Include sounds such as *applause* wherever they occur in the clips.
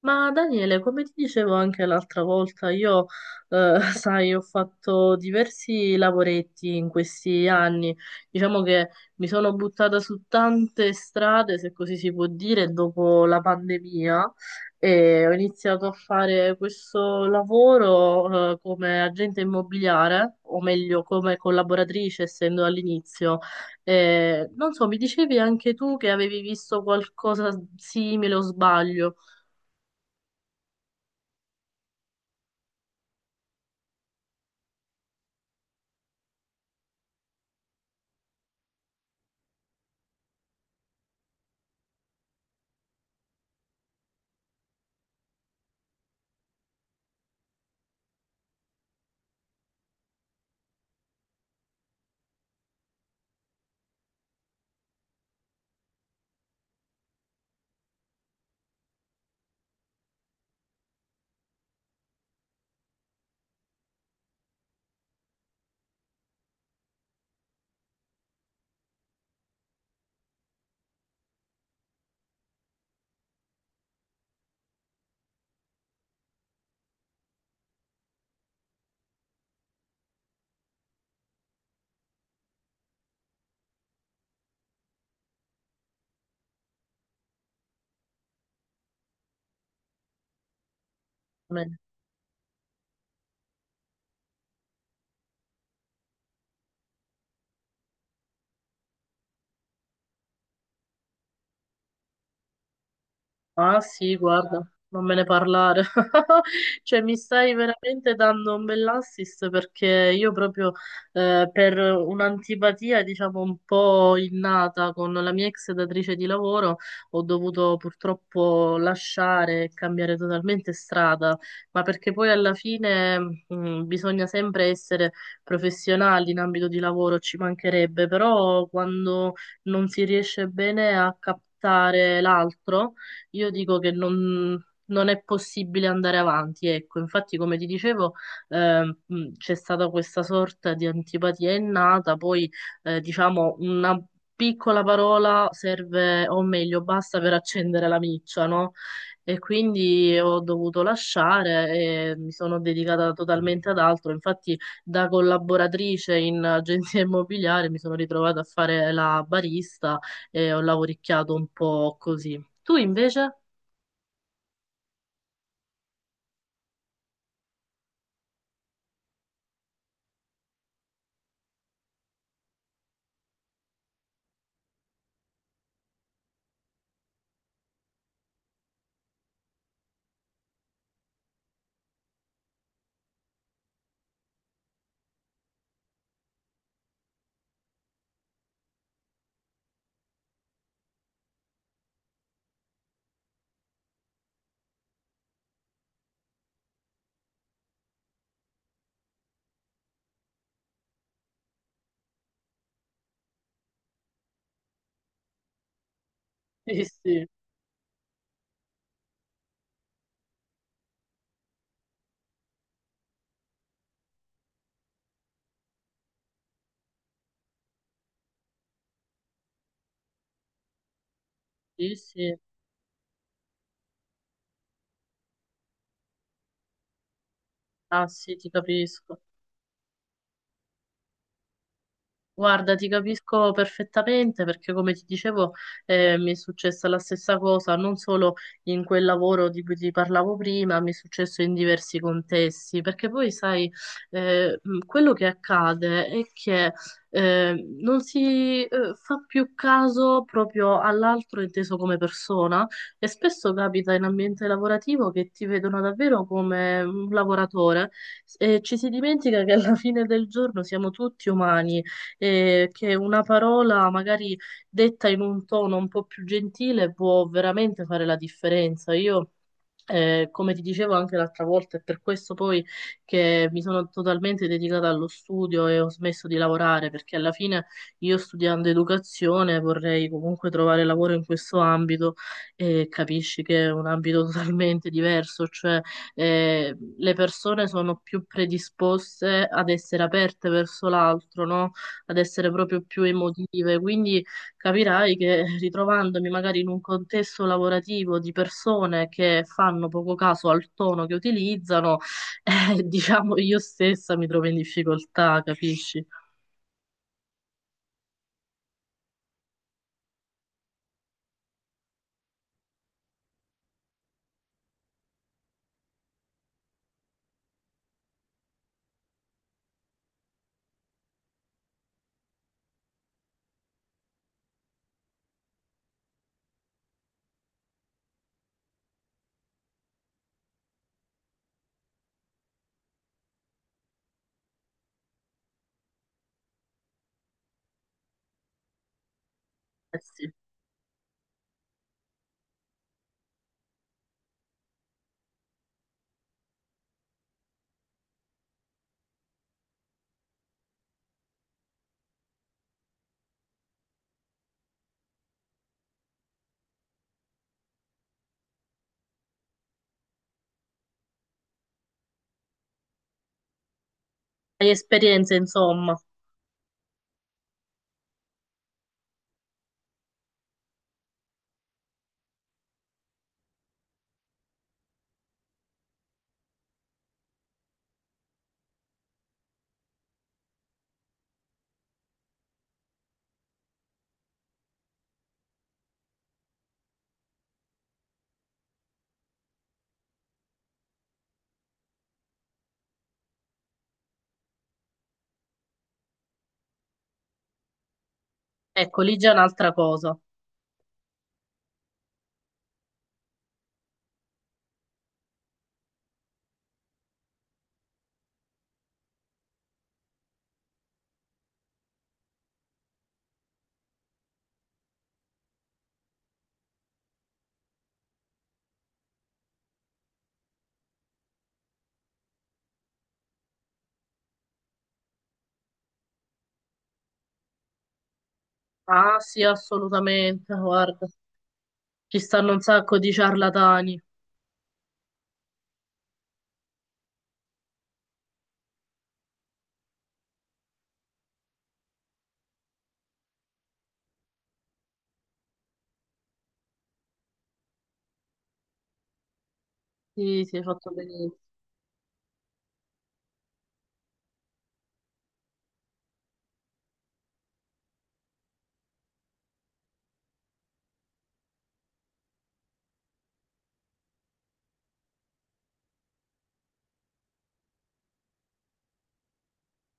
Ma Daniele, come ti dicevo anche l'altra volta, io, *laughs* sai, ho fatto diversi lavoretti in questi anni. Diciamo che mi sono buttata su tante strade, se così si può dire, dopo la pandemia e ho iniziato a fare questo lavoro, come agente immobiliare, o meglio, come collaboratrice, essendo all'inizio. Non so, mi dicevi anche tu che avevi visto qualcosa simile o sbaglio? Ah sì, guarda, non me ne parlare. *laughs* Cioè, mi stai veramente dando un bell'assist perché io proprio per un'antipatia, diciamo, un po' innata con la mia ex datrice di lavoro, ho dovuto purtroppo lasciare e cambiare totalmente strada, ma perché poi alla fine bisogna sempre essere professionali in ambito di lavoro, ci mancherebbe, però quando non si riesce bene a captare l'altro io dico che non è possibile andare avanti. Ecco, infatti, come ti dicevo, c'è stata questa sorta di antipatia innata, poi diciamo una piccola parola serve, o meglio, basta per accendere la miccia, no? E quindi ho dovuto lasciare e mi sono dedicata totalmente ad altro. Infatti, da collaboratrice in agenzia *laughs* immobiliare mi sono ritrovata a fare la barista e ho lavoricchiato un po' così. Tu invece? Sì, sì, sì, sì. Ah sì, ti capisco. Guarda, ti capisco perfettamente perché, come ti dicevo, mi è successa la stessa cosa, non solo in quel lavoro di cui ti parlavo prima, mi è successo in diversi contesti, perché poi, sai, quello che accade è che non si fa più caso proprio all'altro inteso come persona e spesso capita in ambiente lavorativo che ti vedono davvero come un lavoratore e ci si dimentica che alla fine del giorno siamo tutti umani e che una parola magari detta in un tono un po' più gentile può veramente fare la differenza. Io, come ti dicevo anche l'altra volta, è per questo poi che mi sono totalmente dedicata allo studio e ho smesso di lavorare, perché alla fine io studiando educazione vorrei comunque trovare lavoro in questo ambito e capisci che è un ambito *laughs* totalmente diverso, cioè le persone sono più predisposte ad essere aperte verso l'altro, no? Ad essere proprio più emotive, quindi capirai che *laughs* ritrovandomi magari in un contesto lavorativo di persone che fanno poco caso al tono che utilizzano, *laughs* diciamo io stessa mi trovo in difficoltà, capisci? Eh sì. Hai esperienze, insomma. Ecco, lì già è un'altra cosa. Ah, sì, assolutamente, guarda. Ci stanno un sacco di ciarlatani. Sì, sì, hai fatto bene.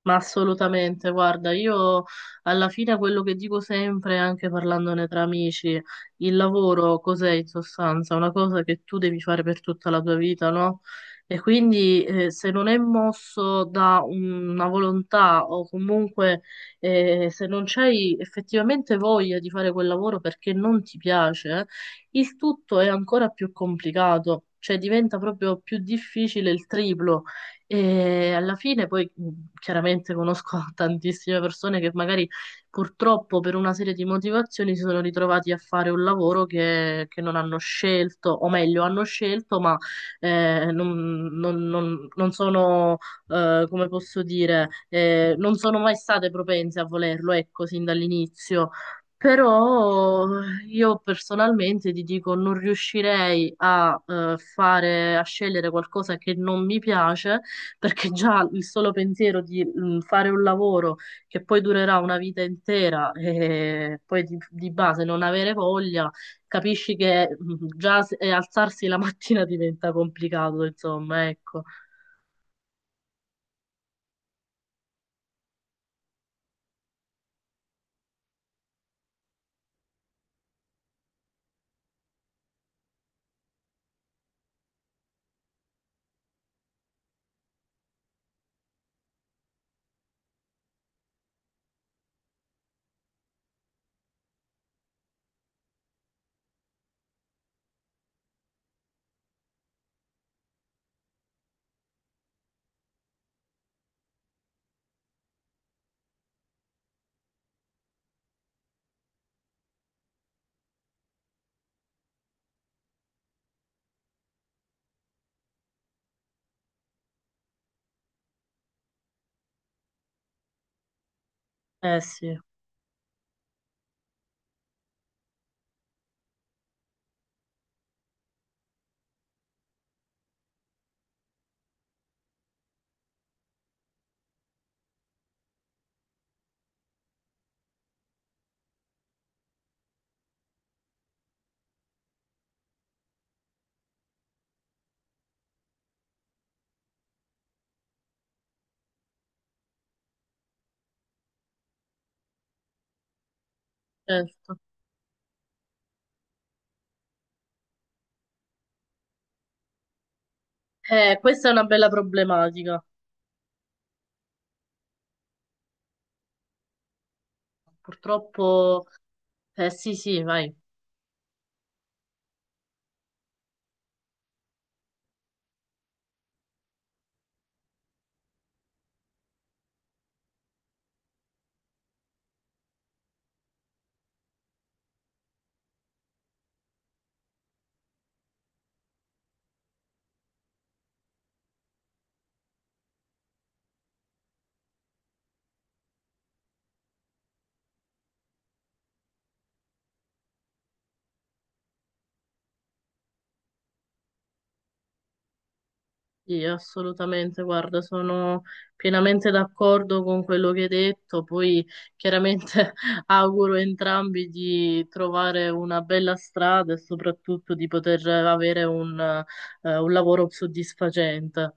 Ma assolutamente, guarda, io alla fine quello che dico sempre, anche parlandone tra amici, il lavoro cos'è in sostanza? Una cosa che tu devi fare per tutta la tua vita, no? E quindi se non è mosso da una volontà o comunque se non c'hai effettivamente voglia di fare quel lavoro perché non ti piace, il tutto è ancora più complicato, cioè diventa proprio più difficile il triplo. E alla fine poi, chiaramente conosco *laughs* tantissime persone che magari purtroppo per una serie di motivazioni si sono ritrovati a fare un lavoro che non hanno scelto, o meglio, hanno scelto, ma non, non- non- non sono, come posso dire, non sono mai state propense a volerlo, ecco, sin dall'inizio. Però io personalmente ti dico, non riuscirei a scegliere qualcosa che non mi piace perché già il solo pensiero di fare un lavoro che poi durerà una vita intera e poi di base non avere voglia, capisci che alzarsi la *laughs* mattina diventa complicato, insomma, ecco. Eh sì, certo. Questa è una bella problematica. Purtroppo, eh sì, sì, vai. Sì, assolutamente, guarda, sono pienamente d'accordo con quello che hai detto, poi chiaramente *laughs* auguro a entrambi di trovare una bella strada e soprattutto di poter avere un lavoro soddisfacente.